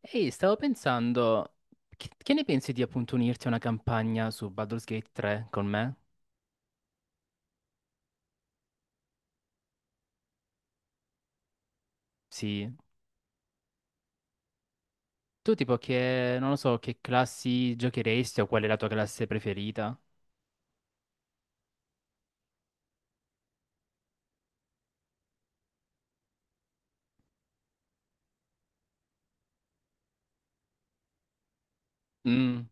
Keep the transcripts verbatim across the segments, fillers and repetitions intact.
Ehi, stavo pensando, che, che ne pensi di appunto unirti a una campagna su Baldur's Gate tre con me? Sì. Tu tipo che, non lo so, che classi giocheresti o qual è la tua classe preferita? Mm,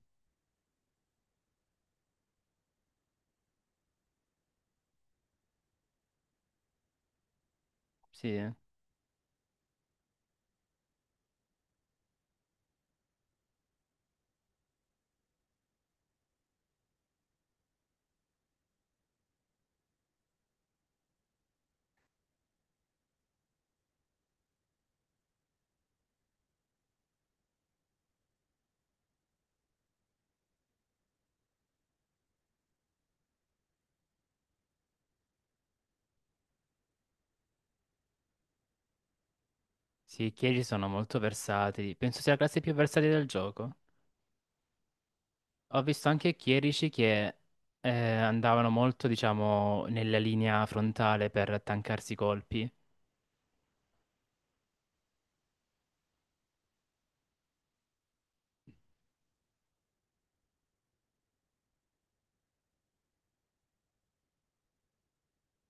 sì. Sì, i chierici sono molto versatili. Penso sia la classe più versatile del gioco. Ho visto anche chierici che eh, andavano molto, diciamo, nella linea frontale per tankarsi i colpi.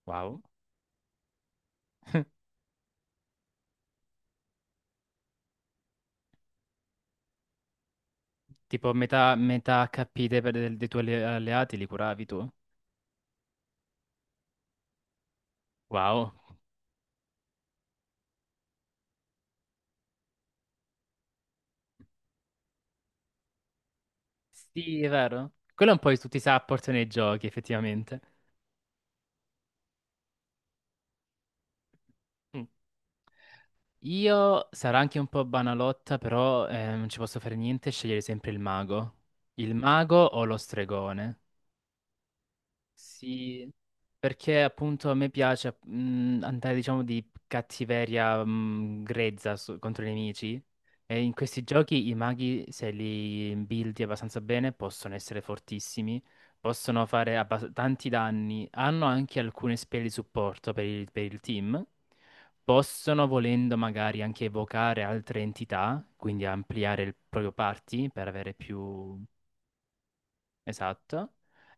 Wow. Tipo metà, metà acca pi dei, dei tuoi alle- alleati li curavi tu? Wow. Sì, è vero. Quello è un po' di tutti i support nei giochi, effettivamente. Mm. Io sarò anche un po' banalotta, però eh, non ci posso fare niente, scegliere sempre il mago. Il mago o lo stregone? Sì, perché appunto a me piace mh, andare diciamo di cattiveria mh, grezza su- contro i nemici e in questi giochi i maghi se li buildi abbastanza bene possono essere fortissimi, possono fare abbas- tanti danni, hanno anche alcune spell di supporto per il, per il team, possono volendo magari anche evocare altre entità, quindi ampliare il proprio party per avere più... Esatto.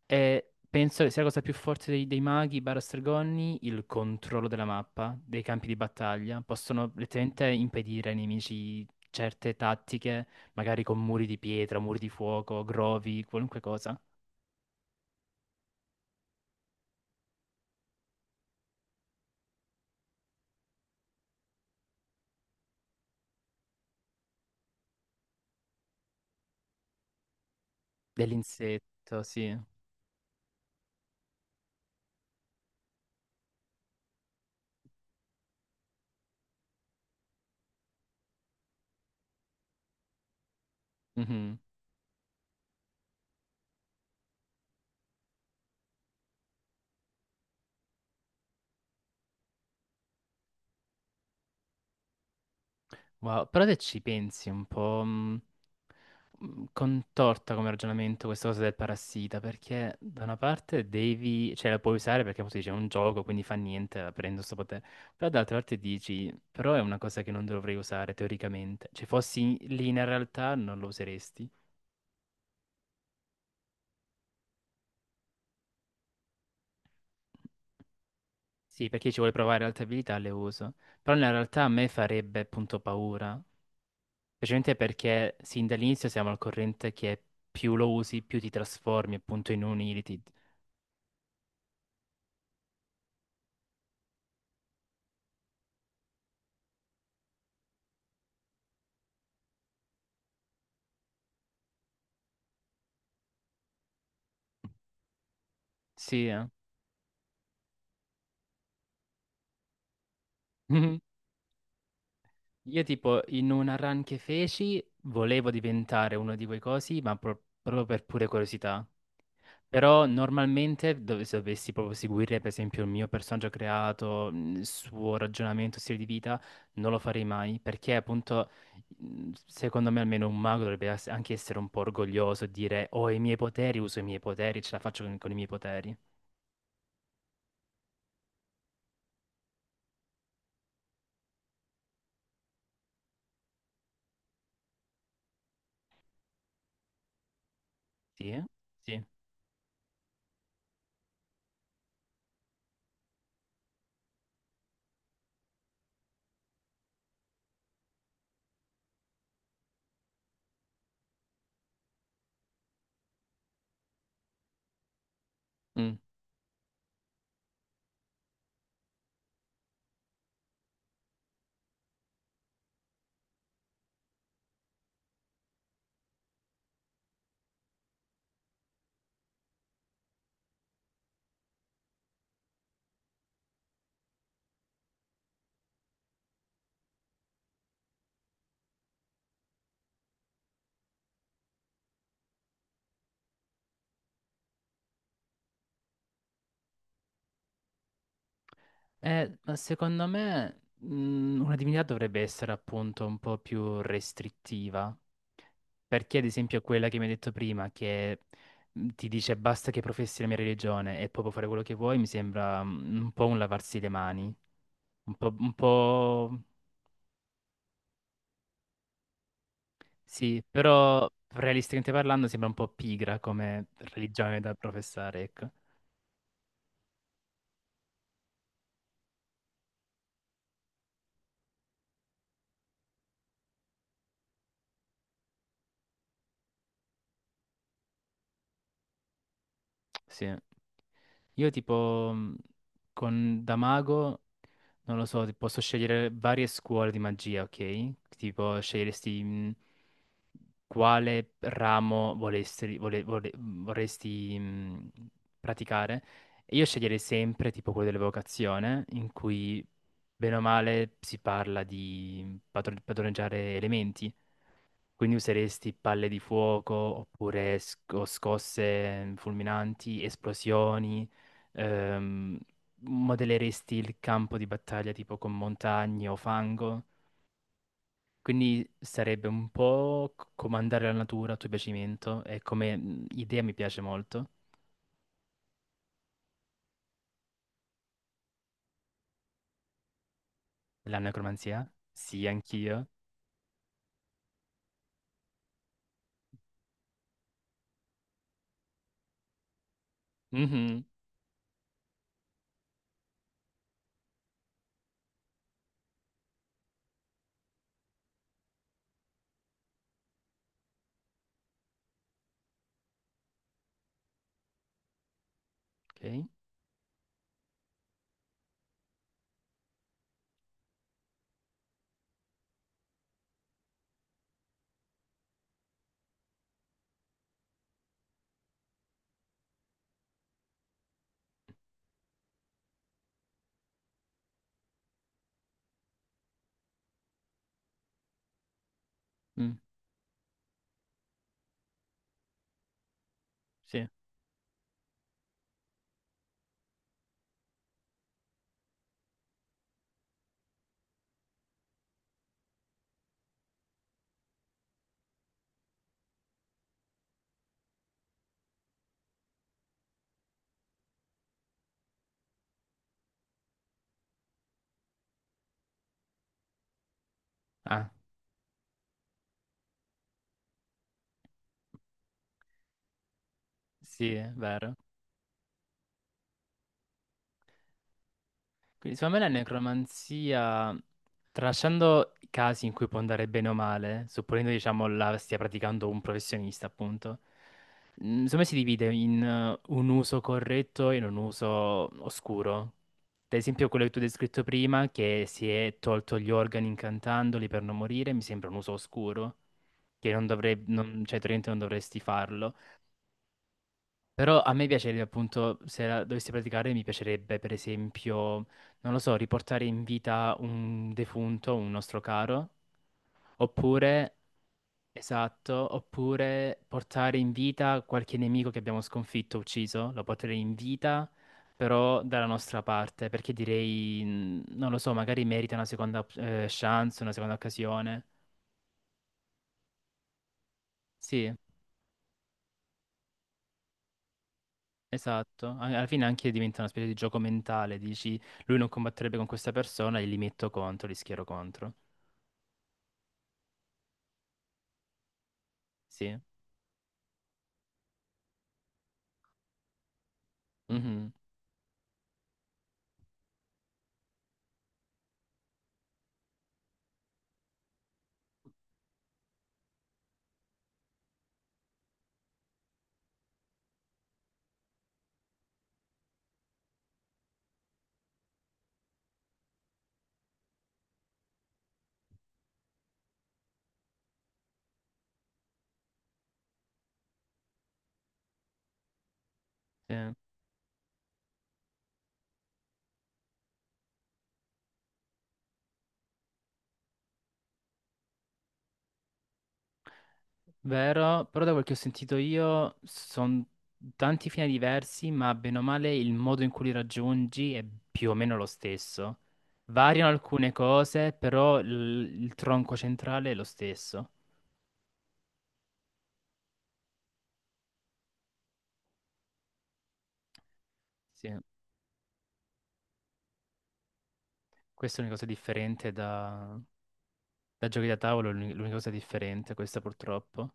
E penso che sia la cosa più forte dei, dei maghi barra stregoni il controllo della mappa, dei campi di battaglia. Possono letteralmente impedire ai nemici certe tattiche, magari con muri di pietra, muri di fuoco, grovi, qualunque cosa. Dell'insetto, sì. Mhm. Wow, però se ci pensi un po', mh, mh, contorta come ragionamento questa cosa del parassita, perché da una parte devi, cioè la puoi usare perché appunto dice è un gioco, quindi fa niente, la prendo sto potere, però dall'altra parte dici, però è una cosa che non dovrei usare teoricamente, cioè fossi lì in realtà non lo useresti. Sì, perché ci vuole provare altre abilità, le uso, però in realtà a me farebbe appunto paura, specialmente perché sin dall'inizio siamo al corrente che più lo usi, più ti trasformi appunto in un Irritated. Sì, eh. Mhm. Io tipo in una run che feci volevo diventare uno di quei cosi, ma pro- proprio per pure curiosità. Però normalmente dov- se dovessi proprio seguire per esempio il mio personaggio creato, mh, il suo ragionamento, stile di vita, non lo farei mai perché appunto mh, secondo me almeno un mago dovrebbe ass- anche essere un po' orgoglioso, dire ho i miei poteri, uso i miei poteri, ce la faccio con, con i miei poteri. Sì? Sì. Eh, ma secondo me, mh, una divinità dovrebbe essere appunto un po' più restrittiva. Perché, ad esempio, quella che mi hai detto prima, che mh, ti dice basta che professi la mia religione e poi puoi fare quello che vuoi, mi sembra mh, un po' un lavarsi le mani. Un po', un po'... Sì, però realisticamente parlando sembra un po' pigra come religione da professare, ecco. Sì. Io tipo mh, con da mago, non lo so, posso scegliere varie scuole di magia, ok? Tipo sceglieresti mh, quale ramo volesti- vole- vole- mhmm, vorresti mh, praticare. E io sceglierei sempre tipo quello dell'evocazione, in cui bene o male si parla di mhmm, padron- padroneggiare elementi. Quindi useresti palle di fuoco oppure sco- scosse mm, fulminanti, esplosioni, ehm, modelleresti il campo di battaglia tipo con montagne o fango. Quindi sarebbe un po' c- comandare la natura a tuo piacimento e come mh, idea mi piace molto. La necromanzia? Sì, anch'io. Mhm. Ok. Mm, sì. Ah, sì, è vero. Quindi secondo me la necromanzia, tralasciando i casi in cui può andare bene o male, supponendo diciamo la stia praticando un professionista, appunto, mm, secondo me si divide in eh, un uso corretto e in un uso oscuro. Ad esempio quello che tu hai descritto prima, che si è tolto gli organi incantandoli per non morire, mi sembra un uso oscuro, che non dovrei, non- cioè teoricamente non dovresti farlo. Però a me piacerebbe appunto, se la dovessi praticare, mi piacerebbe per esempio, non lo so, riportare in vita un defunto, un nostro caro, oppure, esatto, oppure portare in vita qualche nemico che abbiamo sconfitto, ucciso, lo porterei in vita, però dalla nostra parte, perché direi, mm, non lo so, magari merita una seconda eh, chance, una seconda occasione. Sì. Esatto, a- alla fine anche diventa una specie di gioco mentale, dici lui non combatterebbe con questa persona e li metto contro, li schiero contro. Sì. Mhm. Sì. Vero, però da quel che ho sentito io sono tanti fini diversi, ma bene o male il modo in cui li raggiungi è più o meno lo stesso. Variano alcune cose, però il, il tronco centrale è lo stesso. Sì, questa è una cosa differente da, da giochi da tavolo, è l'unica l'unica cosa differente, questa purtroppo.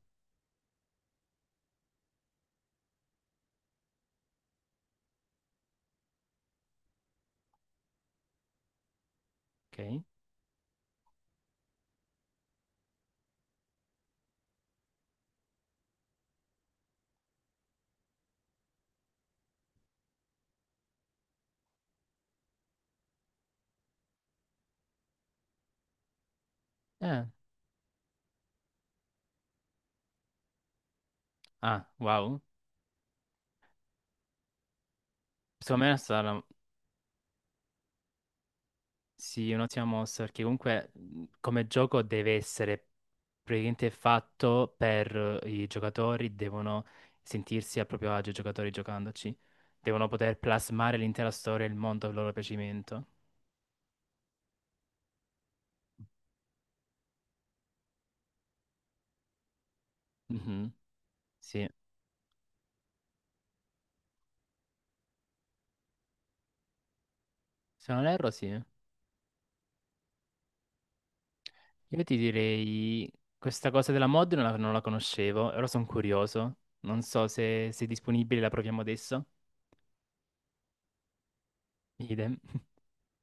Ok? Eh. Ah, wow. Secondo me è stata sì, un'ottima mossa perché comunque mh, come gioco deve essere praticamente fatto per eh, i giocatori, devono sentirsi a proprio agio i giocatori giocandoci, devono poter plasmare l'intera storia e il mondo a loro piacimento. Mhm. Sì, se non erro sì. Io ti direi questa cosa della mod non la, non la conoscevo, ora sono curioso, non so se, se è disponibile, la proviamo adesso. Idem.